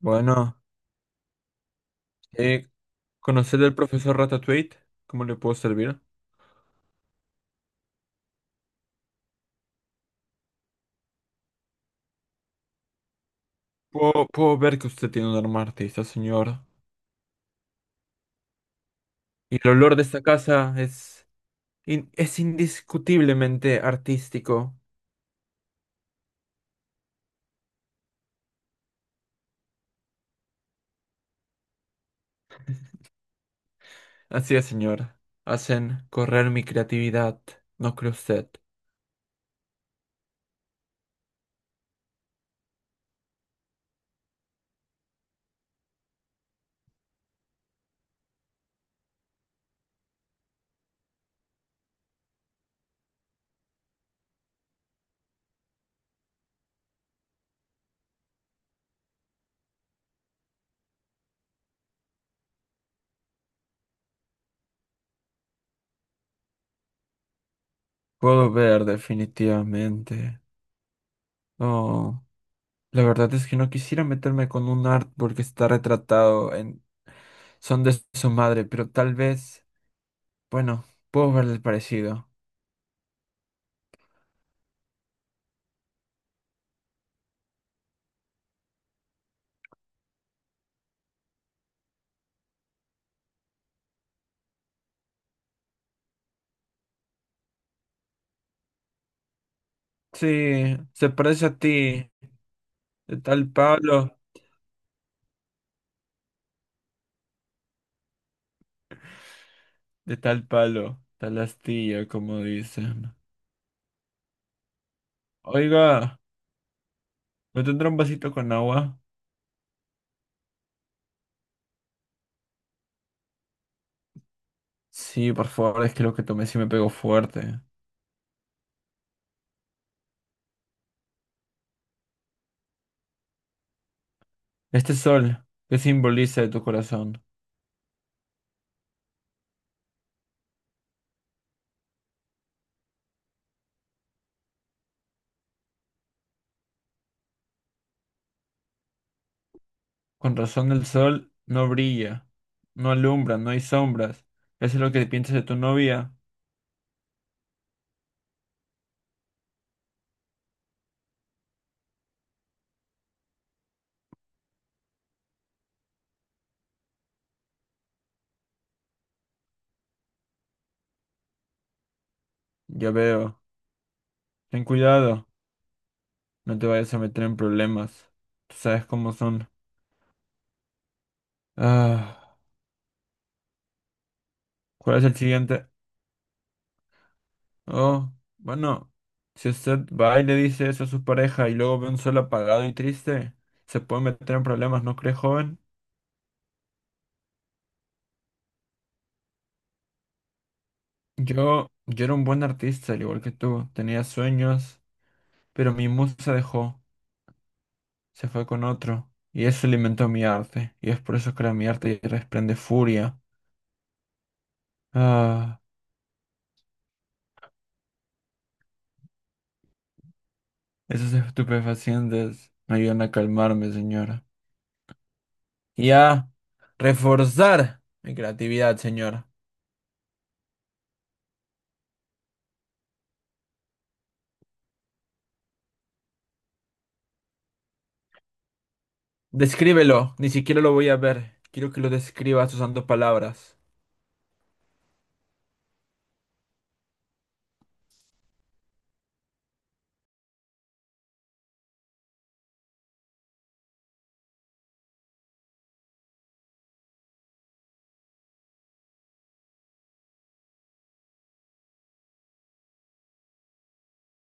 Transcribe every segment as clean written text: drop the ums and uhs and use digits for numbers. Bueno, eh, ¿conocer al profesor Ratatouille? ¿Cómo le puedo servir? Puedo ver que usted tiene un alma artista, señor. Y el olor de esta casa es, es indiscutiblemente artístico. Así es, señor. Hacen correr mi creatividad, ¿no cree usted? Puedo ver, definitivamente. Oh, la verdad es que no quisiera meterme con un artwork que está retratado en Son de su madre, pero tal vez, bueno, puedo ver el parecido. Sí, se parece a ti, de tal palo, de tal palo, tal astilla, como dicen. Oiga, ¿me tendrá un vasito con agua? Sí, por favor, es que lo que tomé sí me pegó fuerte. Este sol, ¿qué simboliza de tu corazón? Con razón el sol no brilla, no alumbra, no hay sombras. ¿Eso es lo que piensas de tu novia? Ya veo. Ten cuidado, no te vayas a meter en problemas. Tú sabes cómo son. Ah, ¿cuál es el siguiente? Oh, bueno, si usted va y le dice eso a su pareja y luego ve un sol apagado y triste, se puede meter en problemas, ¿no cree, joven? Yo era un buen artista, al igual que tú, tenía sueños, pero mi musa dejó, se fue con otro, y eso alimentó mi arte, y es por eso que ahora mi arte desprende furia. Ah, esos estupefacientes me ayudan a calmarme, señora. Y a reforzar mi creatividad, señora. Descríbelo, ni siquiera lo voy a ver. Quiero que lo describas usando palabras.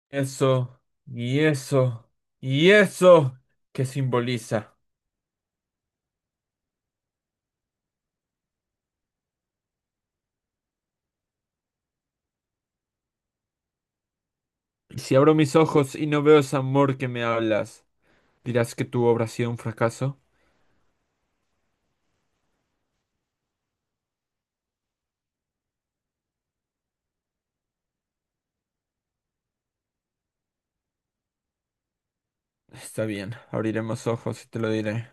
Eso, y eso, y eso, ¿qué simboliza? Y si abro mis ojos y no veo ese amor que me hablas, ¿dirás que tu obra ha sido un fracaso? Está bien, abriremos ojos y te lo diré.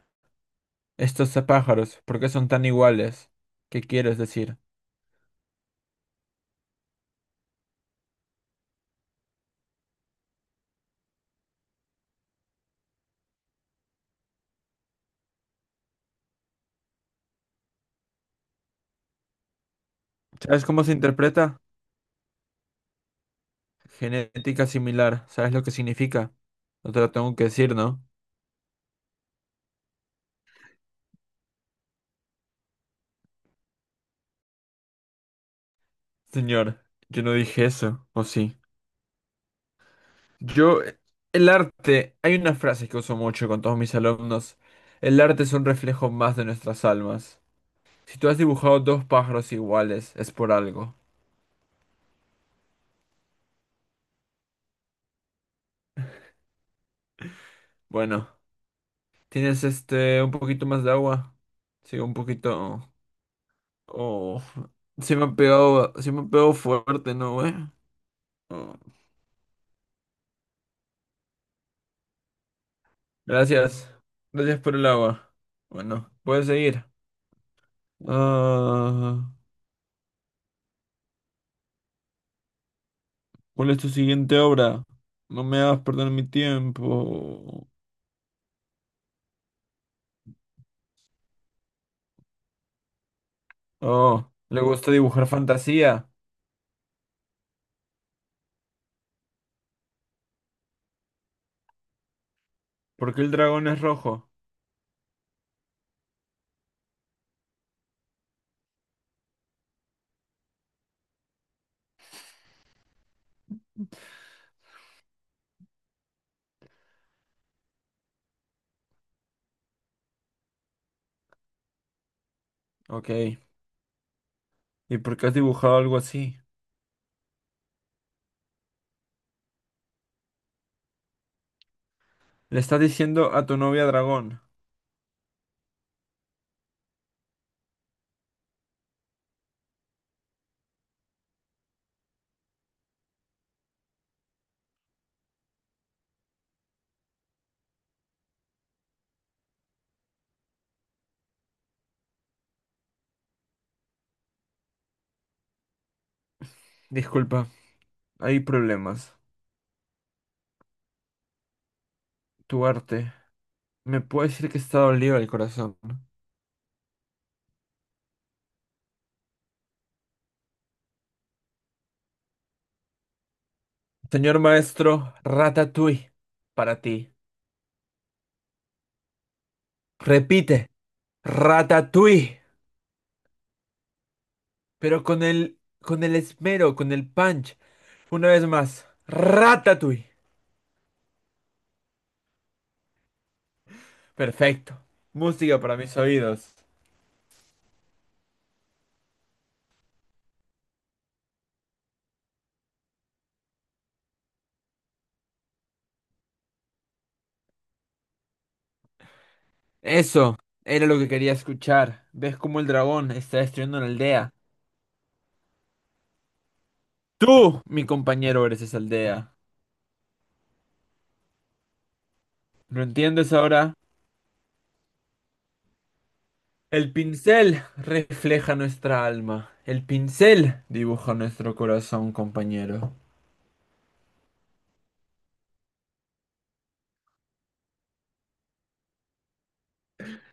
Estos pájaros, ¿por qué son tan iguales? ¿Qué quieres decir? ¿Sabes cómo se interpreta? Genética similar, ¿sabes lo que significa? No te lo tengo que decir, ¿no? Señor, yo no dije eso, ¿o sí? Yo, el arte, hay una frase que uso mucho con todos mis alumnos. El arte es un reflejo más de nuestras almas. Si tú has dibujado dos pájaros iguales, es por algo. Bueno, ¿tienes este un poquito más de agua? Sí, un poquito. Oh, se me ha pegado, se me ha pegado fuerte, ¿no, güey? Oh, gracias. Gracias por el agua. Bueno, puedes seguir. Ah, ¿cuál es tu siguiente obra? No me hagas perder mi tiempo. Oh, le gusta dibujar fantasía. ¿Por qué el dragón es rojo? Ok. ¿Y por qué has dibujado algo así? Le estás diciendo a tu novia dragón. Disculpa, hay problemas. Tu arte. Me puede decir que está dolido el corazón. Señor maestro, Ratatouille. Para ti. Repite, Ratatouille. Pero con el esmero, con el punch. Una vez más, Ratatouille. Perfecto. Música para mis oídos. Eso era lo que quería escuchar. ¿Ves cómo el dragón está destruyendo una aldea? Tú, mi compañero, eres esa aldea. ¿Lo entiendes ahora? El pincel refleja nuestra alma. El pincel dibuja nuestro corazón, compañero.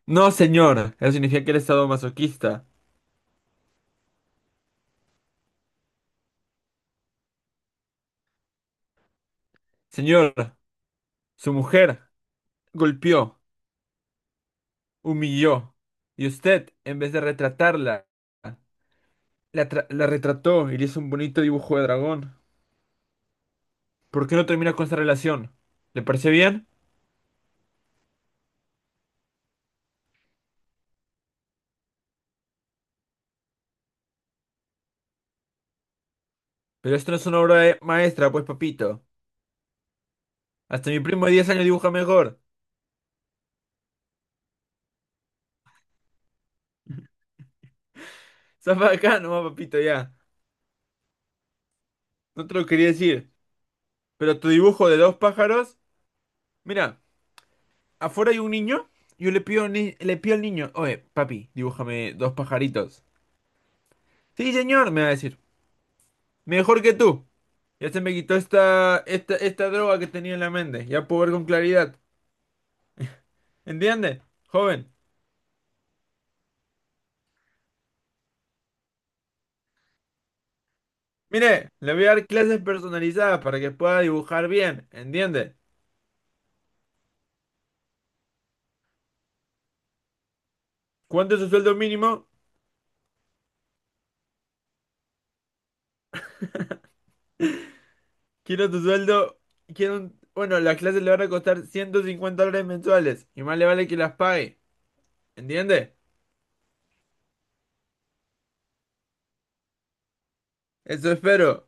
No, señor. Eso significa que eres masoquista. Señor, su mujer golpeó, humilló. Y usted, en vez de retratarla, la, la retrató y le hizo un bonito dibujo de dragón. ¿Por qué no termina con esta relación? ¿Le parece bien? Pero esto no es una obra maestra, pues, papito. Hasta mi primo de 10 años dibuja mejor. Zafa de acá nomás, papito, ya. No te lo quería decir. Pero tu dibujo de dos pájaros. Mira, afuera hay un niño. Yo le pido, al ni- le pido al niño, oye, papi, dibújame dos pajaritos. Sí, señor, me va a decir. Mejor que tú. Ya se me quitó esta droga que tenía en la mente. Ya puedo ver con claridad. ¿Entiende? Joven. Mire, le voy a dar clases personalizadas para que pueda dibujar bien, ¿entiende? ¿Cuánto es su sueldo mínimo? Quiero tu sueldo, quiero un... Bueno, las clases le van a costar $150 mensuales y más le vale que las pague, ¿entiende? Eso espero.